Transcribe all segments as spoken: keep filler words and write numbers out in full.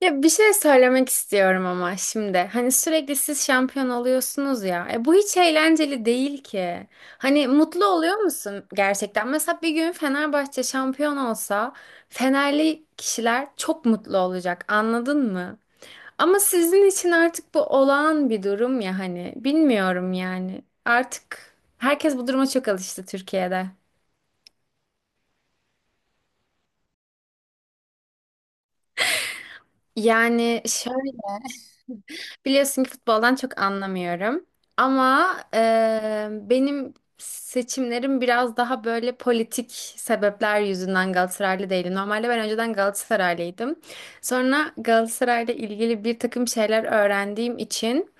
Ya bir şey söylemek istiyorum ama şimdi. Hani sürekli siz şampiyon oluyorsunuz ya. E bu hiç eğlenceli değil ki. Hani mutlu oluyor musun gerçekten? Mesela bir gün Fenerbahçe şampiyon olsa, Fenerli kişiler çok mutlu olacak. Anladın mı? Ama sizin için artık bu olağan bir durum ya hani. Bilmiyorum yani. Artık herkes bu duruma çok alıştı Türkiye'de. Yani şöyle. Biliyorsun ki futboldan çok anlamıyorum. Ama e, benim seçimlerim biraz daha böyle politik sebepler yüzünden Galatasaraylı değilim. Normalde ben önceden Galatasaraylıydım. Sonra Galatasaray'la ilgili bir takım şeyler öğrendiğim için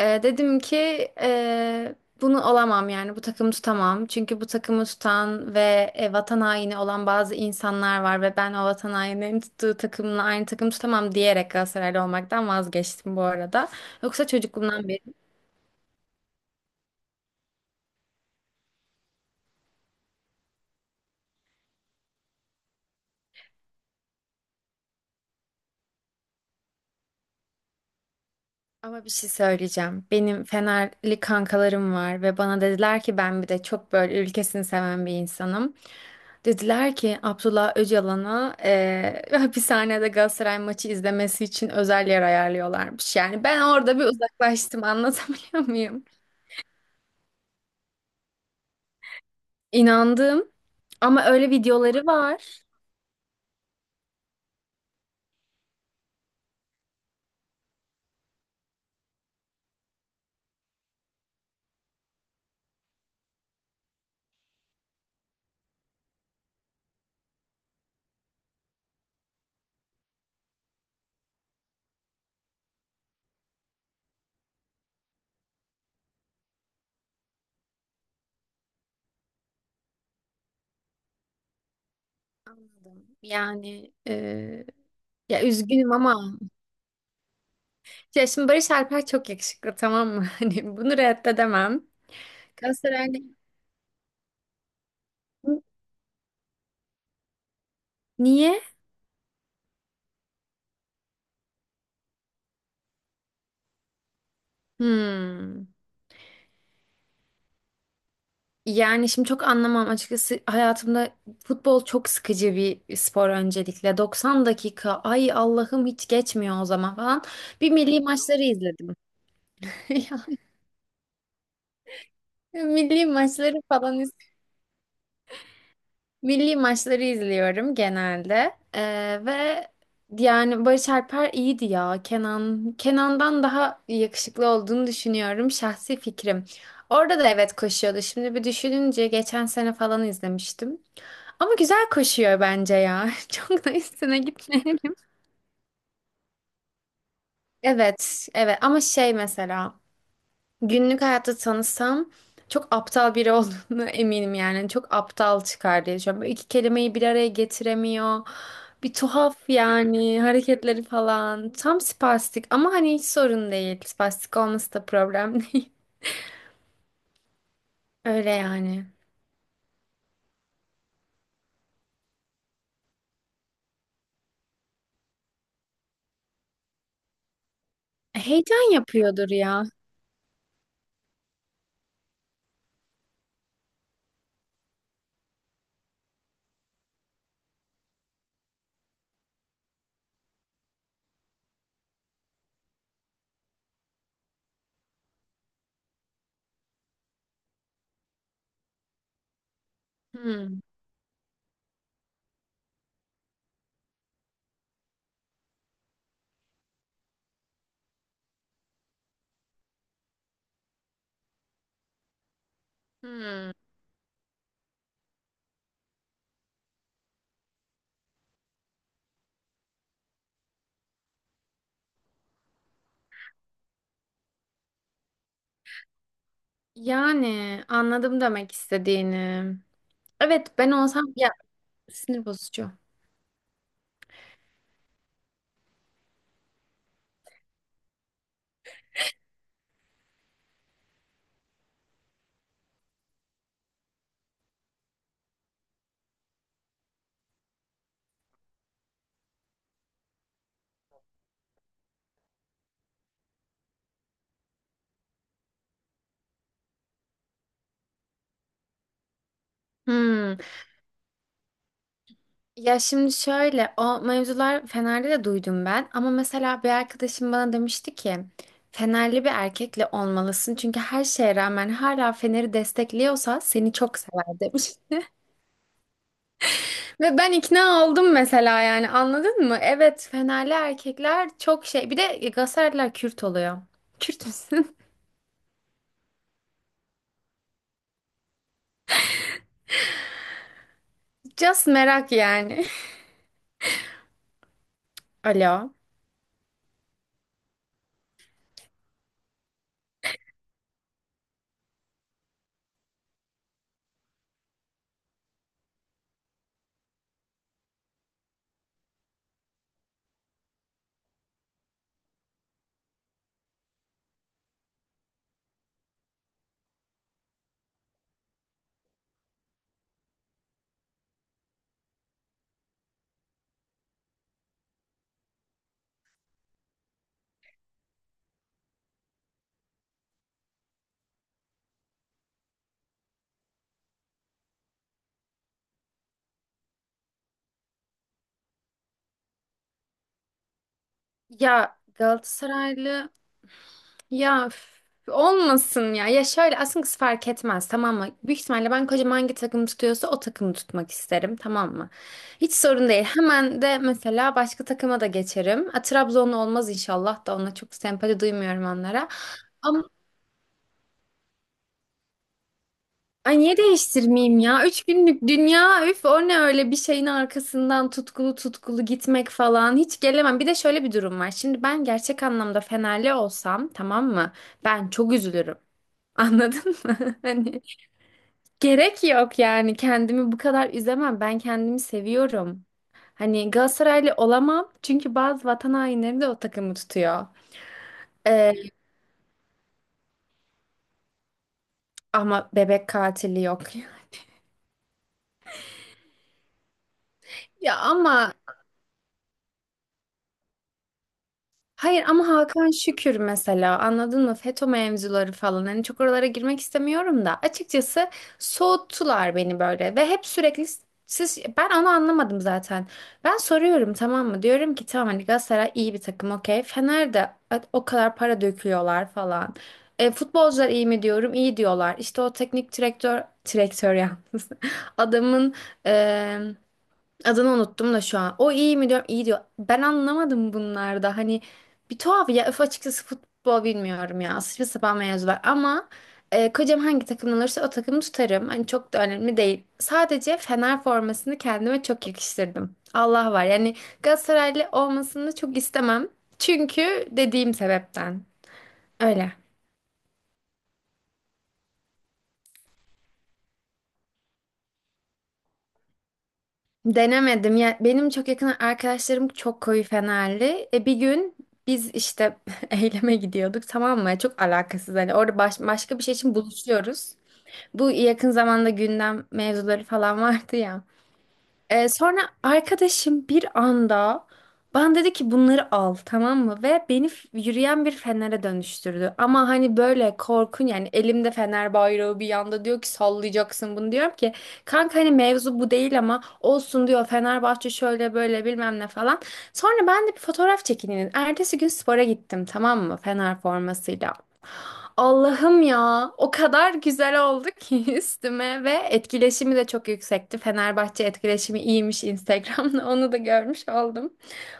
ee, dedim ki eee, bunu olamam yani bu takımı tutamam. Çünkü bu takımı tutan ve e, vatan haini olan bazı insanlar var ve ben o vatan haininin tuttuğu takımla aynı takımı tutamam diyerek Galatasaraylı olmaktan vazgeçtim bu arada. Yoksa çocukluğumdan beri. Ama bir şey söyleyeceğim. Benim Fenerli kankalarım var ve bana dediler ki ben bir de çok böyle ülkesini seven bir insanım. Dediler ki Abdullah Öcalan'a eee, hapishanede Galatasaray maçı izlemesi için özel yer ayarlıyorlarmış. Yani ben orada bir uzaklaştım, anlatabiliyor muyum? İnandım, ama öyle videoları var. Anladım. Yani eee, ya üzgünüm ama ya şimdi Barış Alper çok yakışıklı, tamam mı? Hani bunu reddedemem. Galatasaray'ın niye? Hmm. Yani şimdi çok anlamam açıkçası, hayatımda futbol çok sıkıcı bir spor öncelikle. doksan dakika, ay Allah'ım, hiç geçmiyor o zaman falan. Bir milli maçları izledim. Ya, Milli maçları falan iz milli maçları izliyorum genelde. Ee, ve yani Barış Alper iyiydi ya. Kenan Kenan'dan daha yakışıklı olduğunu düşünüyorum, şahsi fikrim. Orada da evet koşuyordu. Şimdi bir düşününce geçen sene falan izlemiştim. Ama güzel koşuyor bence ya. Çok da üstüne gitmeyelim. Evet, evet, ama şey mesela günlük hayatta tanısam çok aptal biri olduğunu eminim yani. Çok aptal çıkar diye düşünüyorum. Böyle iki kelimeyi bir araya getiremiyor. Bir tuhaf yani hareketleri falan. Tam spastik ama hani hiç sorun değil. Spastik olması da problem değil. Öyle yani. Heyecan yapıyordur ya. Hmm. Hmm. Yani anladım demek istediğini. Evet, ben olsam ya, sinir bozucu. Hmm. Ya şimdi şöyle, o mevzular Fener'de de duydum ben, ama mesela bir arkadaşım bana demişti ki Fenerli bir erkekle olmalısın çünkü her şeye rağmen hala Fener'i destekliyorsa seni çok sever demiş. Ve ben ikna oldum mesela, yani anladın mı? Evet, Fenerli erkekler çok şey, bir de Galatasaraylılar Kürt oluyor. Kürt müsün? Just merak yani. Alo. Ya Galatasaraylı. Ya üf, olmasın ya. Ya şöyle, aslında kız fark etmez tamam mı? Büyük ihtimalle ben kocam hangi takım tutuyorsa o takımı tutmak isterim, tamam mı? Hiç sorun değil. Hemen de mesela başka takıma da geçerim. A, Trabzonlu olmaz inşallah, da ona çok sempati duymuyorum, onlara. Ama ay, niye değiştirmeyeyim ya? Üç günlük dünya, üf, o ne öyle bir şeyin arkasından tutkulu tutkulu gitmek falan, hiç gelemem. Bir de şöyle bir durum var. Şimdi ben gerçek anlamda Fenerli olsam tamam mı? Ben çok üzülürüm. Anladın mı? Hani, Gerek yok yani, kendimi bu kadar üzemem. Ben kendimi seviyorum. Hani Galatasaraylı olamam çünkü bazı vatan hainleri de o takımı tutuyor. Ee, ama bebek katili yok. Ya ama. Hayır, ama Hakan Şükür mesela, anladın mı? FETÖ mevzuları falan, hani çok oralara girmek istemiyorum da açıkçası, soğuttular beni böyle ve hep sürekli siz, ben onu anlamadım zaten. Ben soruyorum tamam mı? Diyorum ki tamam, hani Galatasaray iyi bir takım, okey. Fener'de o kadar para döküyorlar falan. E, futbolcular iyi mi diyorum? İyi diyorlar. İşte o teknik direktör direktör yalnız. Adamın Adını unuttum da şu an. O iyi mi diyorum? İyi diyor. Ben anlamadım bunlarda. Hani bir tuhaf ya. Öf, açıkçası futbol bilmiyorum ya. Saçma sapan mevzular. Ama e, kocam hangi takımdan olursa o takımı tutarım. Hani çok da önemli değil. Sadece Fener formasını kendime çok yakıştırdım. Allah var. Yani Galatasaraylı olmasını çok istemem. Çünkü dediğim sebepten. Öyle. Denemedim. Ya benim çok yakın arkadaşlarım çok koyu Fenerli. E, bir gün biz işte eyleme gidiyorduk, tamam mı? Çok alakasız hani, orada baş- başka bir şey için buluşuyoruz. Bu yakın zamanda gündem mevzuları falan vardı ya. Ee, sonra arkadaşım bir anda bana dedi ki bunları al, tamam mı? Ve beni f- yürüyen bir fenere dönüştürdü. Ama hani böyle korkun yani, elimde fener bayrağı bir yanda, diyor ki sallayacaksın bunu, diyorum ki kanka hani mevzu bu değil, ama olsun diyor, Fenerbahçe şöyle böyle bilmem ne falan. Sonra ben de bir fotoğraf çekineyim dedim. Ertesi gün spora gittim, tamam mı, Fener formasıyla. Allah'ım ya, o kadar güzel oldu ki üstüme, ve etkileşimi de çok yüksekti. Fenerbahçe etkileşimi iyiymiş Instagram'da, onu da görmüş oldum.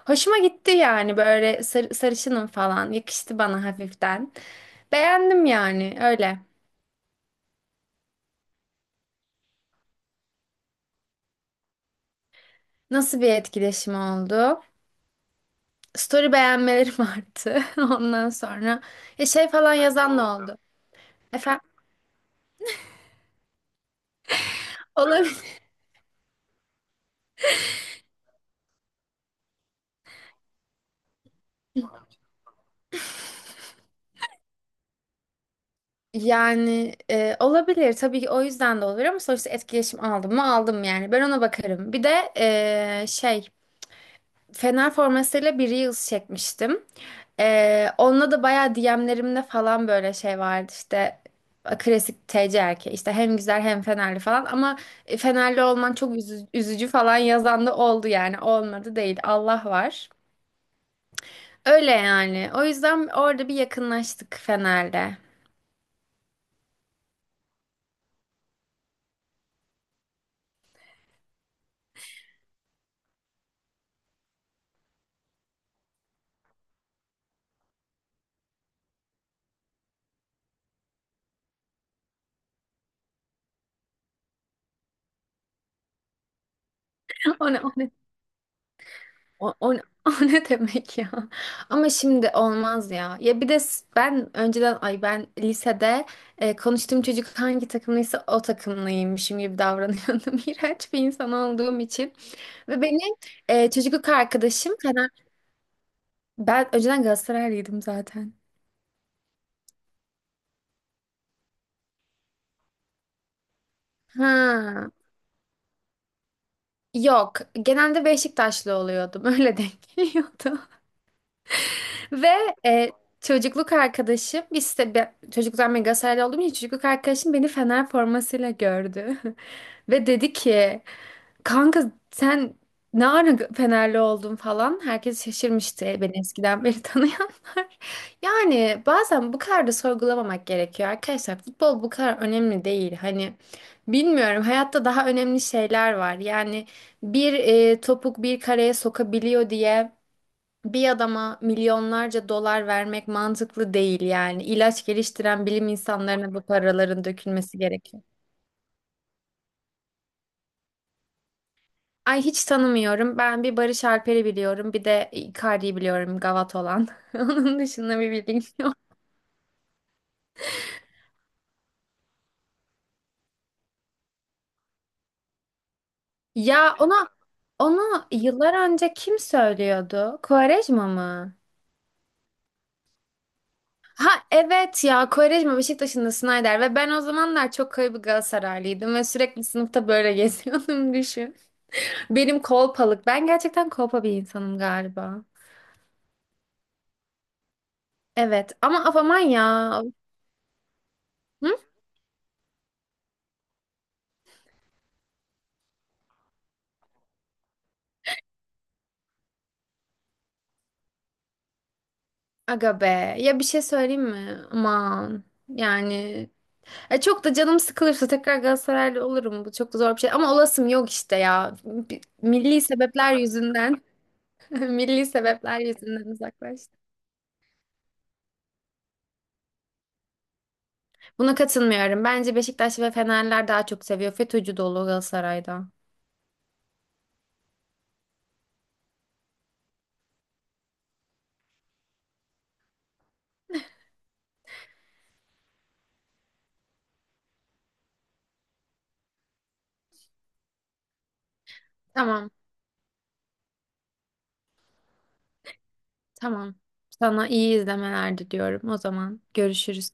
Hoşuma gitti yani, böyle sar sarışınım falan, yakıştı bana hafiften. Beğendim yani, öyle. Nasıl bir etkileşim oldu? Story beğenmelerim arttı. Ondan sonra ya şey falan yazan da oldu. Efendim. Yani e, olabilir, tabii ki o yüzden de olabilir, ama sonuçta etkileşim aldım mı aldım, yani ben ona bakarım. Bir de e, şey, Fener formasıyla bir Reels çekmiştim. E, onunla da bayağı D M'lerimde falan böyle şey vardı işte, klasik T C erkeği işte, hem güzel hem Fenerli falan, ama e, Fenerli olman çok üzü- üzücü falan yazan da oldu, yani olmadı değil, Allah var. Öyle yani, o yüzden orada bir yakınlaştık Fener'le. O ne, o ne? O, o, o ne demek ya? Ama şimdi olmaz ya. Ya bir de s- ben önceden, ay, ben lisede e, konuştuğum çocuk hangi takımlıysa o takımlıymışım gibi davranıyordum. İğrenç bir insan olduğum için. Ve benim e, çocukluk arkadaşım Fener... Ben önceden Galatasaraylıydım zaten. Ha. Yok. Genelde Beşiktaşlı oluyordum. Öyle denk geliyordu. Ve e, çocukluk arkadaşım, biz de be- çocukluktan ben Galatasaraylı olduğum için çocukluk arkadaşım beni Fener formasıyla gördü. Ve dedi ki kanka, sen ne ara Fenerli oldun falan. Herkes şaşırmıştı, beni eskiden beri tanıyanlar. Yani bazen bu kadar da sorgulamamak gerekiyor arkadaşlar. Futbol bu kadar önemli değil. Hani bilmiyorum, hayatta daha önemli şeyler var. Yani bir e, topuk bir kareye sokabiliyor diye bir adama milyonlarca dolar vermek mantıklı değil yani. İlaç geliştiren bilim insanlarına bu paraların dökülmesi gerekiyor. Ay hiç tanımıyorum. Ben bir Barış Alper'i biliyorum. Bir de Icardi'yi biliyorum, gavat olan. Onun dışında bir bilgim yok. Ya ona onu yıllar önce kim söylüyordu? Quaresma mı? Ha evet ya, Quaresma Beşiktaş'ın, da Snyder, ve ben o zamanlar çok koyu bir Galatasaraylıydım ve sürekli sınıfta böyle geziyordum düşün. Benim kolpalık. Ben gerçekten kolpa bir insanım galiba. Evet ama, af, aman ya. Hı? Aga be. Ya bir şey söyleyeyim mi? Aman. Yani e, çok da canım sıkılırsa tekrar Galatasaraylı olurum. Bu çok da zor bir şey. Ama olasım yok işte ya. Bir- Milli sebepler yüzünden. Milli sebepler yüzünden uzaklaştım. Buna katılmıyorum. Bence Beşiktaş ve Fenerler daha çok seviyor. FETÖ'cü dolu Galatasaray'da. Tamam. Tamam. Sana iyi izlemeler diliyorum. O zaman görüşürüz.